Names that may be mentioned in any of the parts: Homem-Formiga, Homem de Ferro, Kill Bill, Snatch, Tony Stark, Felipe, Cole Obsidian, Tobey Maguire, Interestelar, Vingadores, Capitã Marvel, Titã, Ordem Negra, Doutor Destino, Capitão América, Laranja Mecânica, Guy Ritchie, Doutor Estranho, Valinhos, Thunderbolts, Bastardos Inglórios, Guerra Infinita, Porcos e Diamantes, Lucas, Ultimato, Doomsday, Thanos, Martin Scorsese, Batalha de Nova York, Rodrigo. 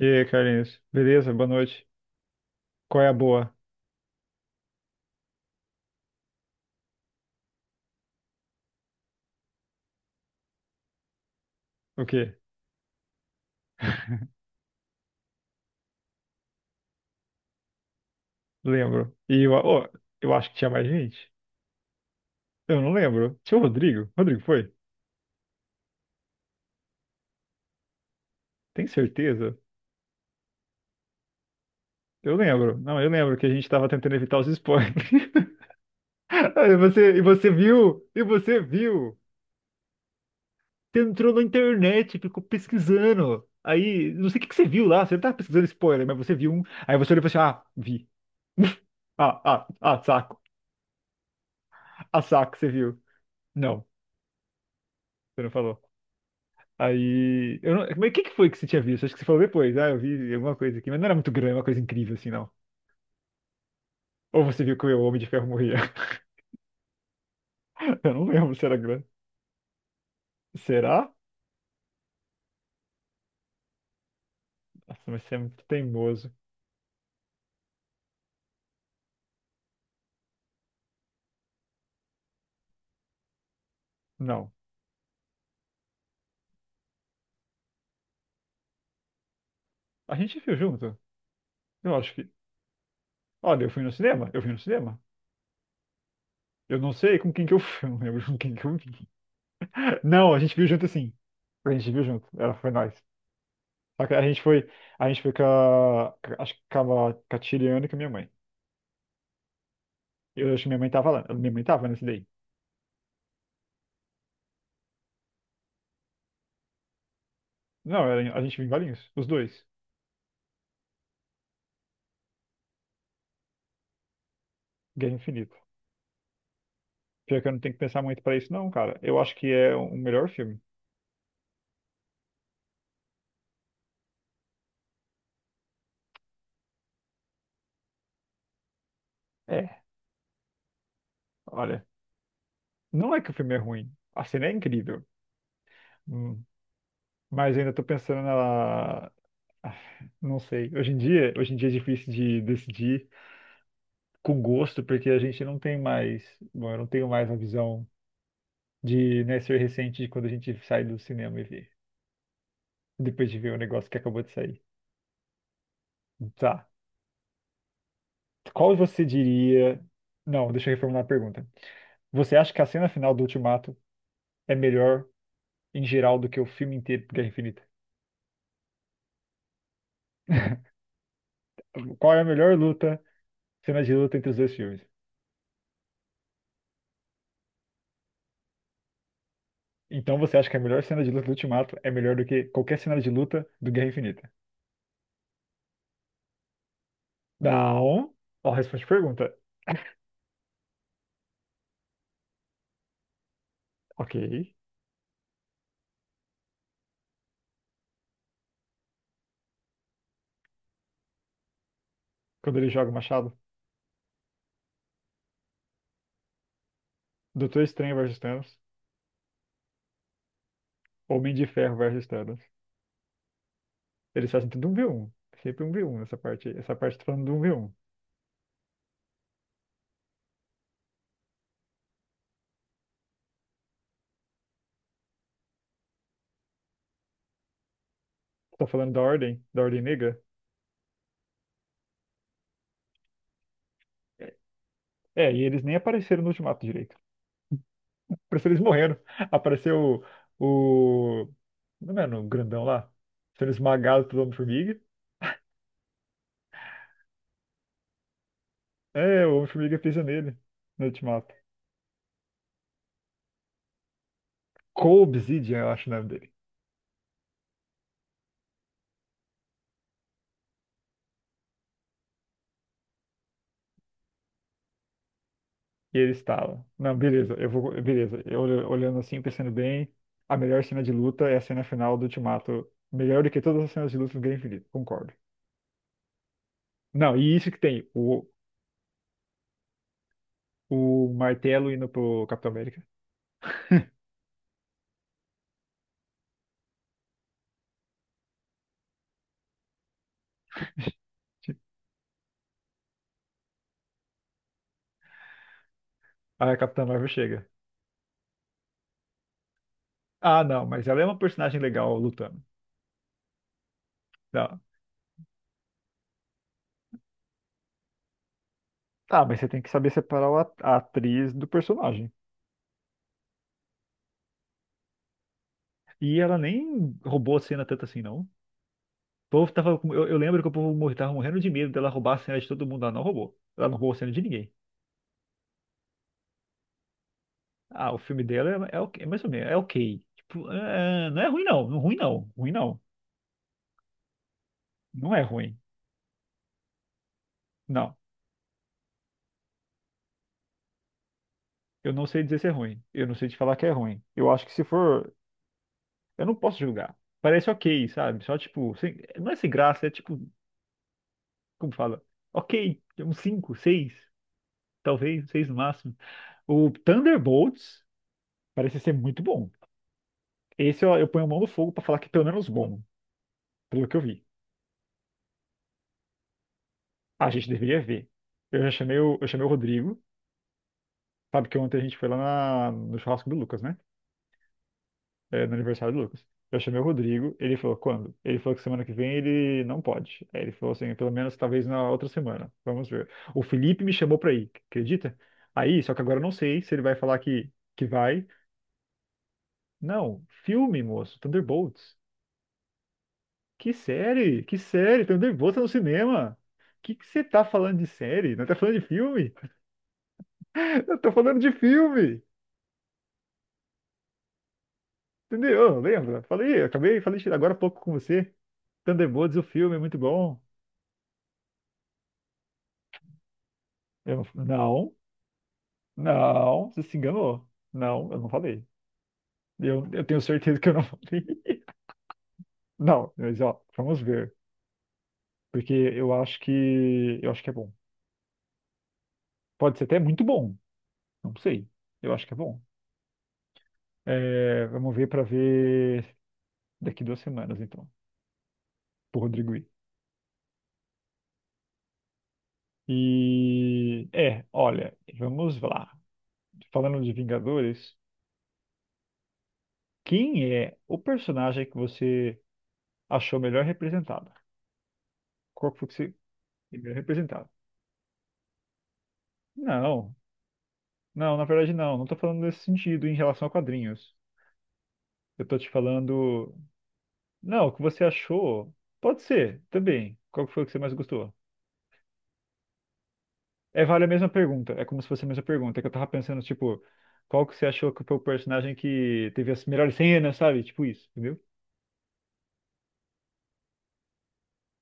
E aí, Carlinhos? Beleza? Boa noite. Qual é a boa? O quê? Lembro. E eu, ó, eu acho que tinha mais gente. Eu não lembro. Tinha o Rodrigo? Rodrigo foi? Tem certeza? Eu lembro. Não, eu lembro que a gente tava tentando evitar os spoilers. E você viu? E você viu? Você entrou na internet, ficou pesquisando. Aí, não sei o que que você viu lá. Você não tava pesquisando spoiler, mas você viu um. Aí você olhou e falou assim: ah, vi. Ah, saco. Ah, saco, você viu. Não, você não falou. Aí, eu não... Mas o que que foi que você tinha visto? Acho que você falou depois. Ah, eu vi alguma coisa aqui. Mas não era muito grande, é uma coisa incrível assim, não. Ou você viu que o Homem de Ferro morria? Eu não lembro se era grande. Será? Nossa, mas você é muito teimoso. Não. A gente viu junto? Eu acho que. Olha, eu fui no cinema. Eu fui no cinema. Eu não sei com quem que eu fui. Eu não lembro com quem que eu vi. Não, a gente viu junto, sim. A gente viu junto. Ela foi nós. Só que a gente foi. A gente foi com a. Acho que com a Tiriana e com a minha mãe. Eu acho que minha mãe tava lá. Minha mãe tava nesse daí. Não, a gente vive em Valinhos, os dois. Guerra Infinita. Pior que eu não tenho que pensar muito pra isso, não, cara. Eu acho que é o melhor filme. É, olha. Não é que o filme é ruim. A cena é incrível. Hum, Mas ainda tô pensando na. Ah, Não sei. Hoje em dia é difícil de decidir com gosto, porque a gente não tem mais. Bom, eu não tenho mais a visão de, né, ser recente de quando a gente sai do cinema e vê. Depois de ver o negócio que acabou de sair. Tá. Qual você diria. Não, deixa eu reformular a pergunta. Você acha que a cena final do Ultimato é melhor em geral do que o filme inteiro de Guerra Infinita? Qual é a melhor luta, cena de luta entre os dois filmes? Então você acha que a melhor cena de luta do Ultimato é melhor do que qualquer cena de luta do Guerra Infinita? Não. Ó, responde a pergunta. Ok. Quando ele joga o machado, Doutor Estranho versus Thanos, Homem de Ferro versus Thanos. Eles fazem tudo um v um. Sempre um v um nessa parte. Essa parte tá falando do um v um. Tá falando da ordem negra. É, e eles nem apareceram no Ultimato direito. Parece que eles morreram. Apareceu o. Não é o grandão lá? Sendo esmagado pelo Homem-Formiga. É, o Homem-Formiga pisa nele no Ultimato. Cole Obsidian, eu acho o nome dele. E ele estala. Não, beleza, eu vou. Beleza. Eu olhando assim, pensando bem, a melhor cena de luta é a cena final do Ultimato. Melhor do que todas as cenas de luta do Guerra Infinita, concordo. Não, e isso que tem, o martelo indo pro Capitão América. Aí a Capitã Marvel chega. Ah, não, mas ela é uma personagem legal lutando. Tá, tá, mas você tem que saber separar a atriz do personagem. E ela nem roubou a cena tanto assim, não. O povo tava, eu lembro que o povo tava morrendo de medo dela roubar a cena de todo mundo. Ela não roubou. Ela não roubou a cena de ninguém. Ah, o filme dela é, é mais ou menos, é ok. Tipo, não é ruim, não. Não ruim, não. Ruim, não. Não é ruim. Não. Eu não sei dizer se é ruim. Eu não sei te falar que é ruim. Eu acho que se for. Eu não posso julgar. Parece ok, sabe? Só tipo, não é sem graça, é tipo. Como fala? Ok, uns 5, 6, talvez, 6 no máximo. O Thunderbolts parece ser muito bom. Esse eu ponho a mão no fogo pra falar que é pelo menos bom, pelo que eu vi. A gente deveria ver. Eu já chamei o, eu chamei o Rodrigo, sabe que ontem a gente foi no churrasco do Lucas, né? É, no aniversário do Lucas. Eu chamei o Rodrigo, ele falou quando? Ele falou que semana que vem ele não pode. Aí ele falou assim, pelo menos talvez na outra semana. Vamos ver. O Felipe me chamou pra ir, acredita? Aí, só que agora eu não sei se ele vai falar que vai. Não, filme, moço, Thunderbolts. Que série? Que série? Thunderbolts é no cinema. O que que você tá falando de série? Não tá falando de filme? Eu tô falando de filme. Entendeu? Lembra? Falei, acabei, falei agora há pouco com você. Thunderbolts, o filme é muito bom. Não, não, você se enganou. Não, eu não falei. Eu tenho certeza que eu não falei. Não, mas ó, vamos ver. Porque eu acho que é bom. Pode ser até muito bom. Não sei. Eu acho que é bom. É, vamos ver para ver daqui duas semanas, então, por Rodrigo I. E é, olha, vamos lá. Falando de Vingadores, quem é o personagem que você achou melhor representado? Qual que foi que você melhor representado? Não, não, na verdade não. Não tô falando nesse sentido em relação a quadrinhos. Eu tô te falando. Não, o que você achou? Pode ser, também. Qual que foi que você mais gostou? É, vale a mesma pergunta. É como se fosse a mesma pergunta. É que eu tava pensando, tipo, qual que você achou que foi o personagem que teve as melhores cenas, sabe? Tipo isso, entendeu?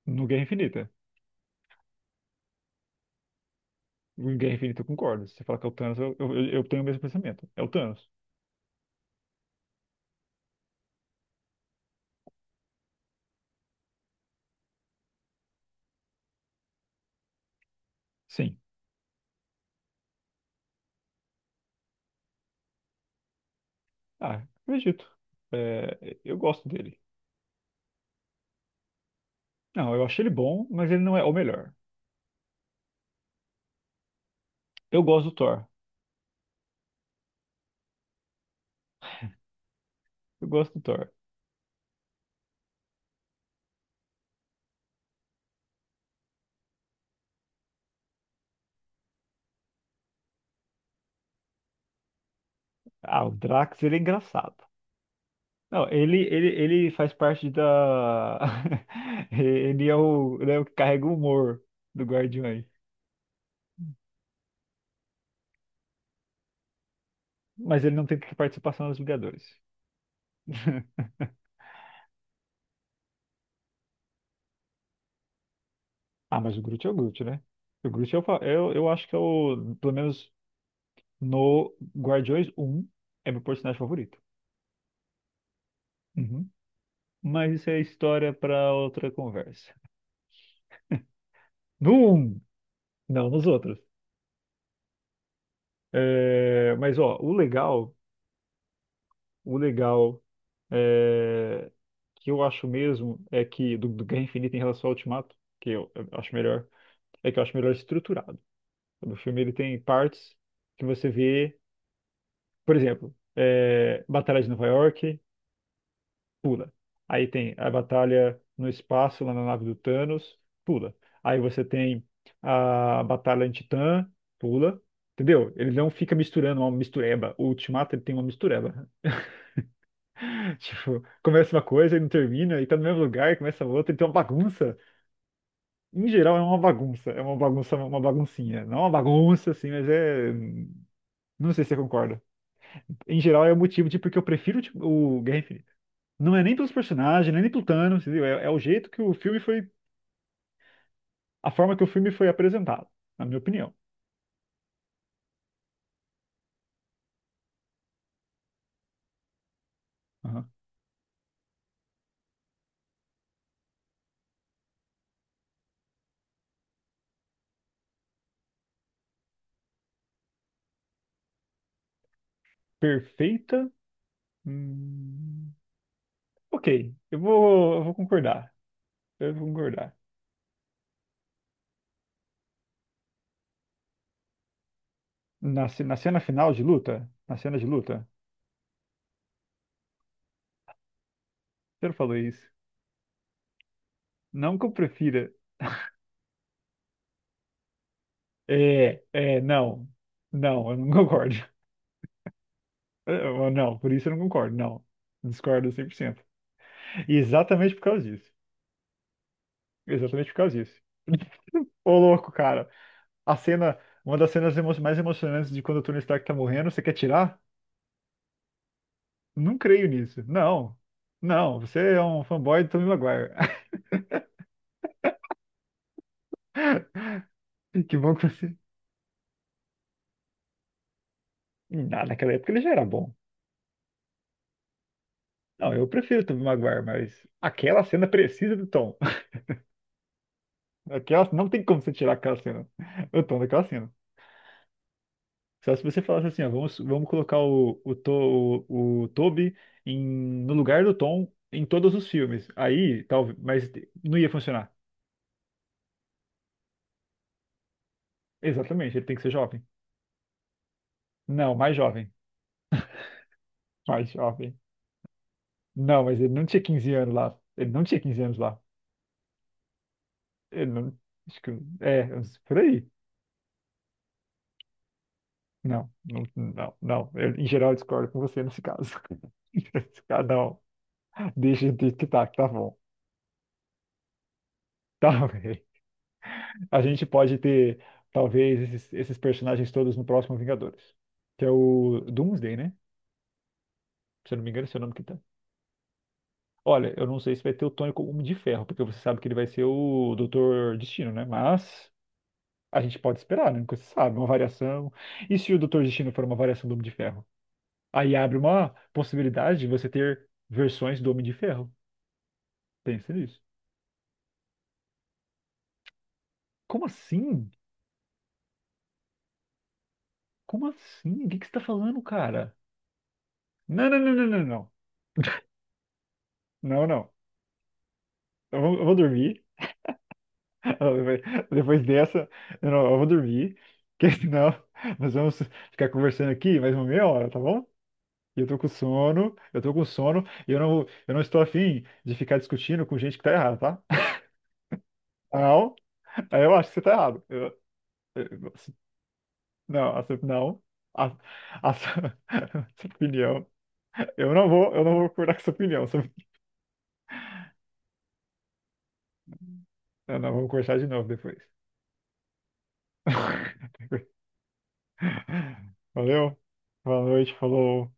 No Guerra Infinita. No Guerra Infinita eu concordo. Se você falar que é o Thanos, eu tenho o mesmo pensamento. É o Thanos. Sim. Ah, acredito. É, eu gosto dele. Não, eu achei ele bom, mas ele não é o melhor. Eu gosto do Thor. Eu gosto do Thor. Ah, o Drax, ele é engraçado. Não, ele faz parte da. Ele é o que carrega o humor do Guardiões. Mas ele não tem participação nos Vingadores. Ah, mas o Groot é o Groot, né? O Groot é o, eu acho que é o. Pelo menos no Guardiões um é meu personagem favorito. Uhum. Mas isso é história para outra conversa. No um? Não, nos outros. É, mas, ó, o legal. O legal é, que eu acho mesmo é que do, do Guerra Infinita em relação ao Ultimato, que eu acho melhor, é que eu acho melhor estruturado. O filme ele tem partes que você vê, por exemplo, é, Batalha de Nova York, pula. Aí tem a batalha no espaço, lá na nave do Thanos, pula. Aí você tem a batalha em Titã, pula. Entendeu? Ele não fica misturando uma mistureba. O Ultimato ele tem uma mistureba. Tipo, começa uma coisa e não termina, e tá no mesmo lugar, e começa outra, então é uma bagunça. Em geral é uma bagunça, uma baguncinha. Não é uma bagunça, assim, mas é. Não sei se você concorda. Em geral é o motivo de porque eu prefiro tipo, o Guerra Infinita. Não é nem pelos personagens, nem pelo Thanos, entendeu? É, é o jeito que o filme foi. A forma que o filme foi apresentado, na minha opinião. Aham. Perfeita. Hum, Ok, eu vou concordar. Eu vou concordar. Na, na cena final de luta? Na cena de luta? Você não falou isso. Não que eu prefira. Não. Não, eu não concordo. Não, por isso eu não concordo. Não. Discordo 100%. E exatamente por causa disso. Exatamente por causa disso. Ô, louco, cara. A cena, uma das cenas mais emocionantes de quando o Tony Stark tá morrendo, você quer tirar? Não creio nisso. Não. Não, você é um fanboy do Tobey Maguire. Que bom que você. Não, naquela época ele já era bom. Não, eu prefiro o Tobey Maguire, mas aquela cena precisa do Tom. Aquela, não tem como você tirar aquela cena, o Tom naquela cena. Só se você falasse assim, ó, vamos, vamos colocar o Toby em, no lugar do Tom em todos os filmes. Aí, talvez, mas não ia funcionar. Exatamente, ele tem que ser jovem. Não, mais jovem. Mais jovem. Não, mas ele não tinha 15 anos lá. Ele não tinha 15 anos lá. Ele não. Acho que, é, por aí. Não. Eu, em geral, eu discordo com você nesse caso. Nesse caso, não. Deixa do que tá bom. Tá, a gente pode ter, talvez, esses personagens todos no próximo Vingadores. Que é o Doomsday, né? Se eu não me engano, esse é o nome que tá. Olha, eu não sei se vai ter o Tony como Homem de Ferro, porque você sabe que ele vai ser o Doutor Destino, né? Mas a gente pode esperar, né? Nunca se sabe, uma variação. E se o Doutor Destino for uma variação do Homem de Ferro? Aí abre uma possibilidade de você ter versões do Homem de Ferro. Pensa nisso. Como assim? Como assim? O que que você tá falando, cara? Não. Não, não. Eu vou dormir. Depois depois dessa, eu, não, eu vou dormir, porque senão nós vamos ficar conversando aqui mais uma meia hora, tá bom? E eu tô com sono, eu tô com sono, e eu não estou afim de ficar discutindo com gente que tá errada, tá? Não, eu acho que você tá errado. Eu- assim, não, não. A, a sua sua opinião. Eu não vou concordar com sua opinião. Sua- Não, não, vamos conversar de novo depois. Valeu, boa noite, falou.